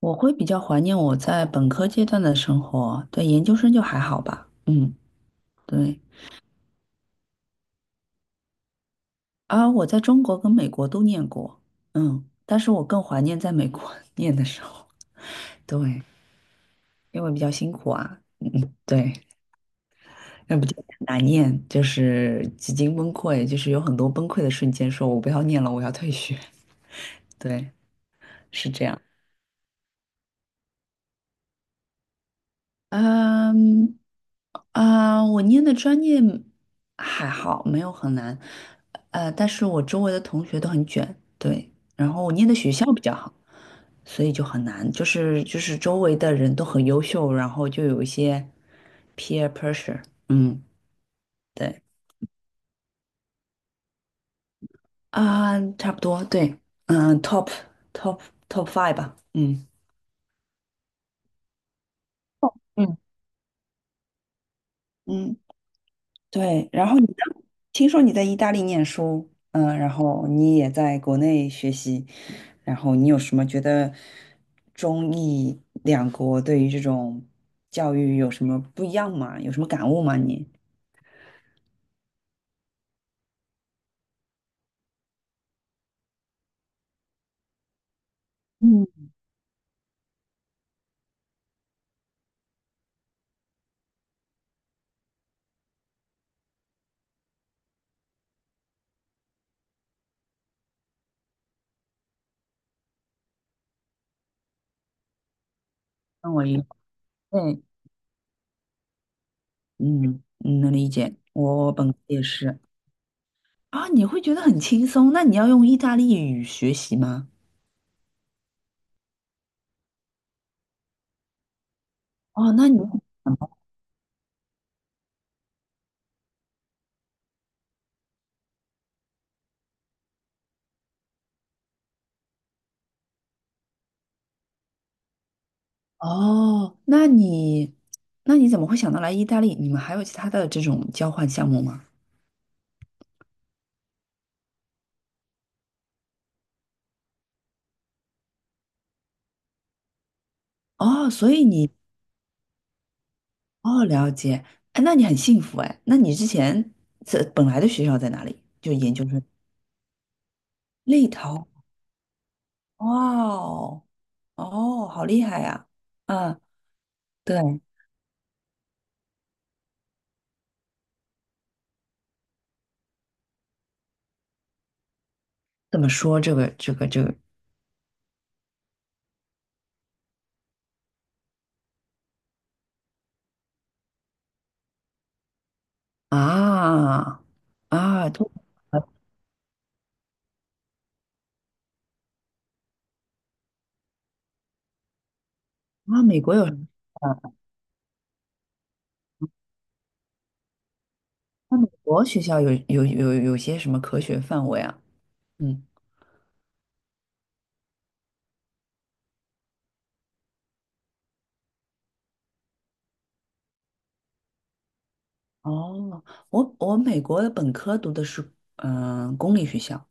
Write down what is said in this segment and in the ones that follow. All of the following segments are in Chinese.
我会比较怀念我在本科阶段的生活，对，研究生就还好吧。嗯，对。啊，我在中国跟美国都念过，嗯，但是我更怀念在美国 念的时候，对，因为比较辛苦啊，对，那不就难念，就是几经崩溃，就是有很多崩溃的瞬间，说我不要念了，我要退学，对，是这样。嗯，啊，我念的专业还好，没有很难，但是我周围的同学都很卷，对，然后我念的学校比较好，所以就很难，就是周围的人都很优秀，然后就有一些 peer pressure,嗯，对，啊，差不多，对，嗯，top top five 吧，嗯嗯，嗯。对，然后你呢？听说你在意大利念书，嗯，然后你也在国内学习，然后你有什么觉得中意两国对于这种教育有什么不一样吗？有什么感悟吗？你？嗯，那我理解，嗯，嗯能理解，我本科也是啊，你会觉得很轻松，那你要用意大利语学习吗？哦，哦，那你怎么会想到来意大利？你们还有其他的这种交换项目吗？哦，所以你哦，了解，哎，那你很幸福哎。那你之前这本来的学校在哪里？就研究生立陶，哇哦，哦，好厉害呀！啊，对，怎么说这个啊啊都啊，啊美国有什么啊？那美国学校有些什么科学范围啊？嗯，哦，美国的本科读的是公立学校，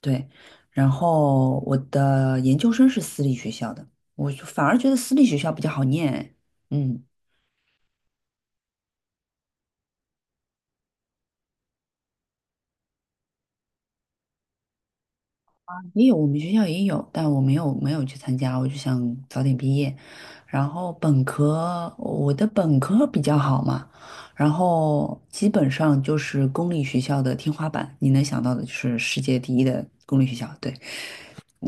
对，然后我的研究生是私立学校的，我就反而觉得私立学校比较好念。嗯，也有我们学校也有，但我没有去参加，我就想早点毕业。然后本科，我的本科比较好嘛，然后基本上就是公立学校的天花板，你能想到的就是世界第一的公立学校，对。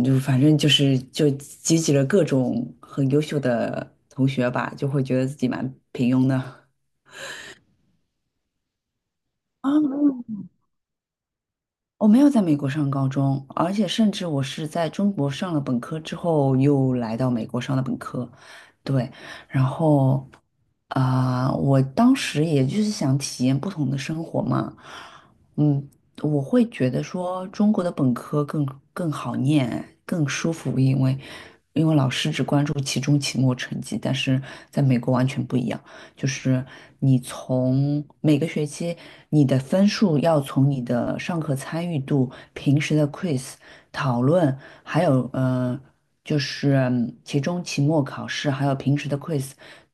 就反正就是就集了各种很优秀的同学吧，就会觉得自己蛮平庸的。啊，没有我没有在美国上高中，而且甚至我是在中国上了本科之后，又来到美国上的本科。对，然后我当时也就是想体验不同的生活嘛。嗯，我会觉得说中国的本科更好念，更舒服，因为老师只关注期中、期末成绩，但是在美国完全不一样。就是你从每个学期你的分数要从你的上课参与度、平时的 quiz 讨论，还有就是期中、期末考试，还有平时的 quiz,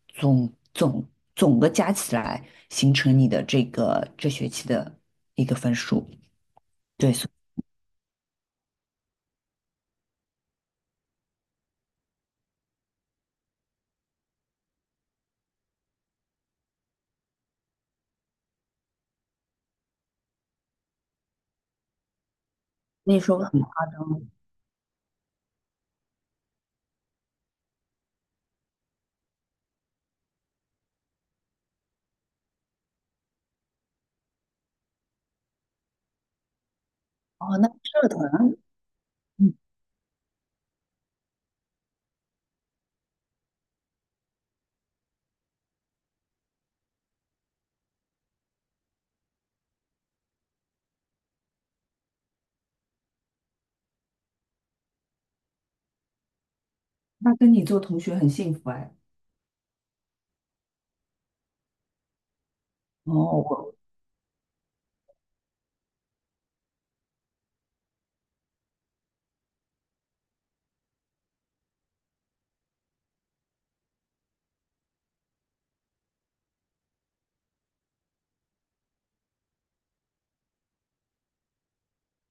总总总的加起来形成你的这个这学期的一个分数。对，所以说很夸张。哦，那社团，嗯那跟你做同学很幸福哎。哦，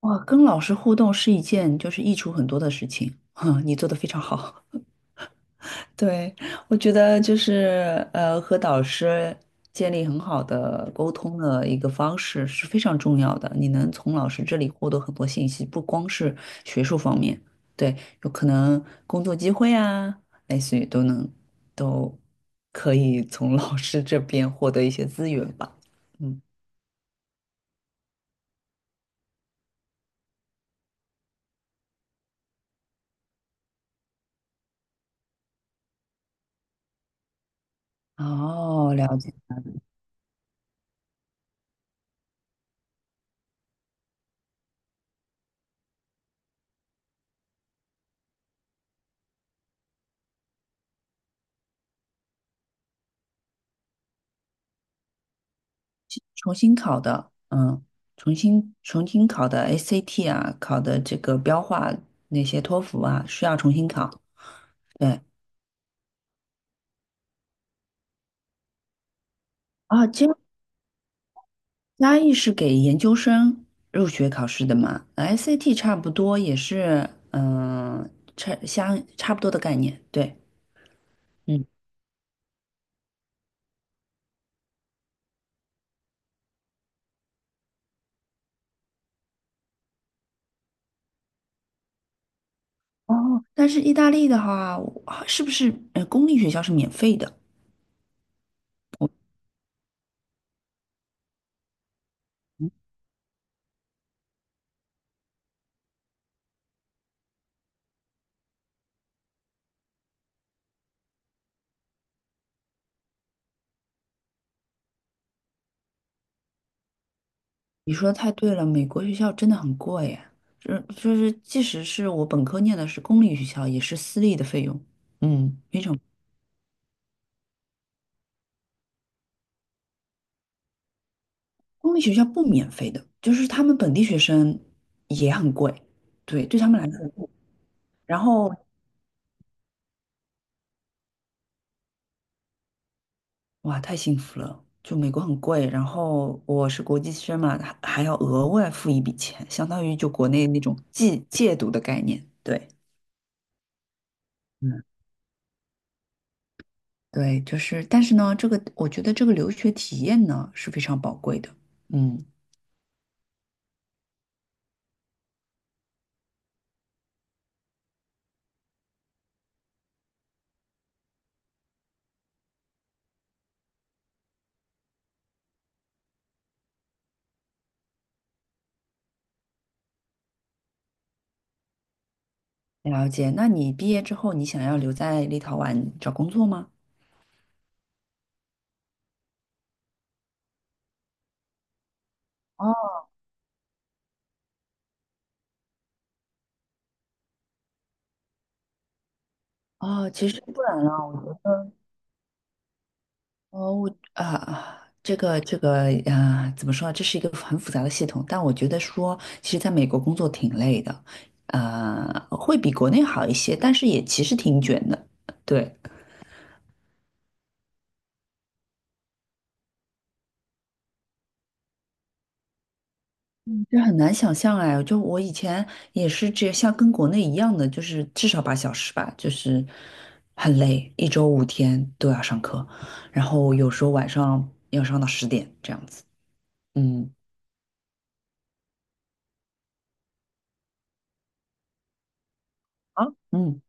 哇，跟老师互动是一件就是益处很多的事情，哼，你做的非常好。对，我觉得就是和导师建立很好的沟通的一个方式是非常重要的。你能从老师这里获得很多信息，不光是学术方面，对，有可能工作机会啊，类似于都可以从老师这边获得一些资源吧。嗯，哦，了解。重新考的，嗯，重新考的 ACT 啊，考的这个标化那些托福啊，需要重新考。对啊，加义是给研究生入学考试的嘛，ACT 差不多也是，嗯、差不多的概念。对，嗯，哦，但是意大利的话，啊是不是公立学校是免费的？你说的太对了，美国学校真的很贵耶，这就是即使是我本科念的是公立学校，也是私立的费用，嗯，非常。公立学校不免费的，就是他们本地学生也很贵，对，对他们来说，然后哇，太幸福了，就美国很贵，然后我是国际生嘛，还要额外付一笔钱，相当于就国内那种借读的概念，对。嗯。对，就是，但是呢，这个我觉得这个留学体验呢是非常宝贵的。嗯。了解。那你毕业之后，你想要留在立陶宛找工作吗？哦，哦，其实不然啊，我觉得，哦，我啊啊，这个啊，怎么说呢？这是一个很复杂的系统，但我觉得说，其实在美国工作挺累的，会比国内好一些，但是也其实挺卷的，对。这很难想象哎，就我以前也是这像跟国内一样的，就是至少八小时吧，就是很累，一周五天都要上课，然后有时候晚上要上到十点这样子。嗯，啊，嗯。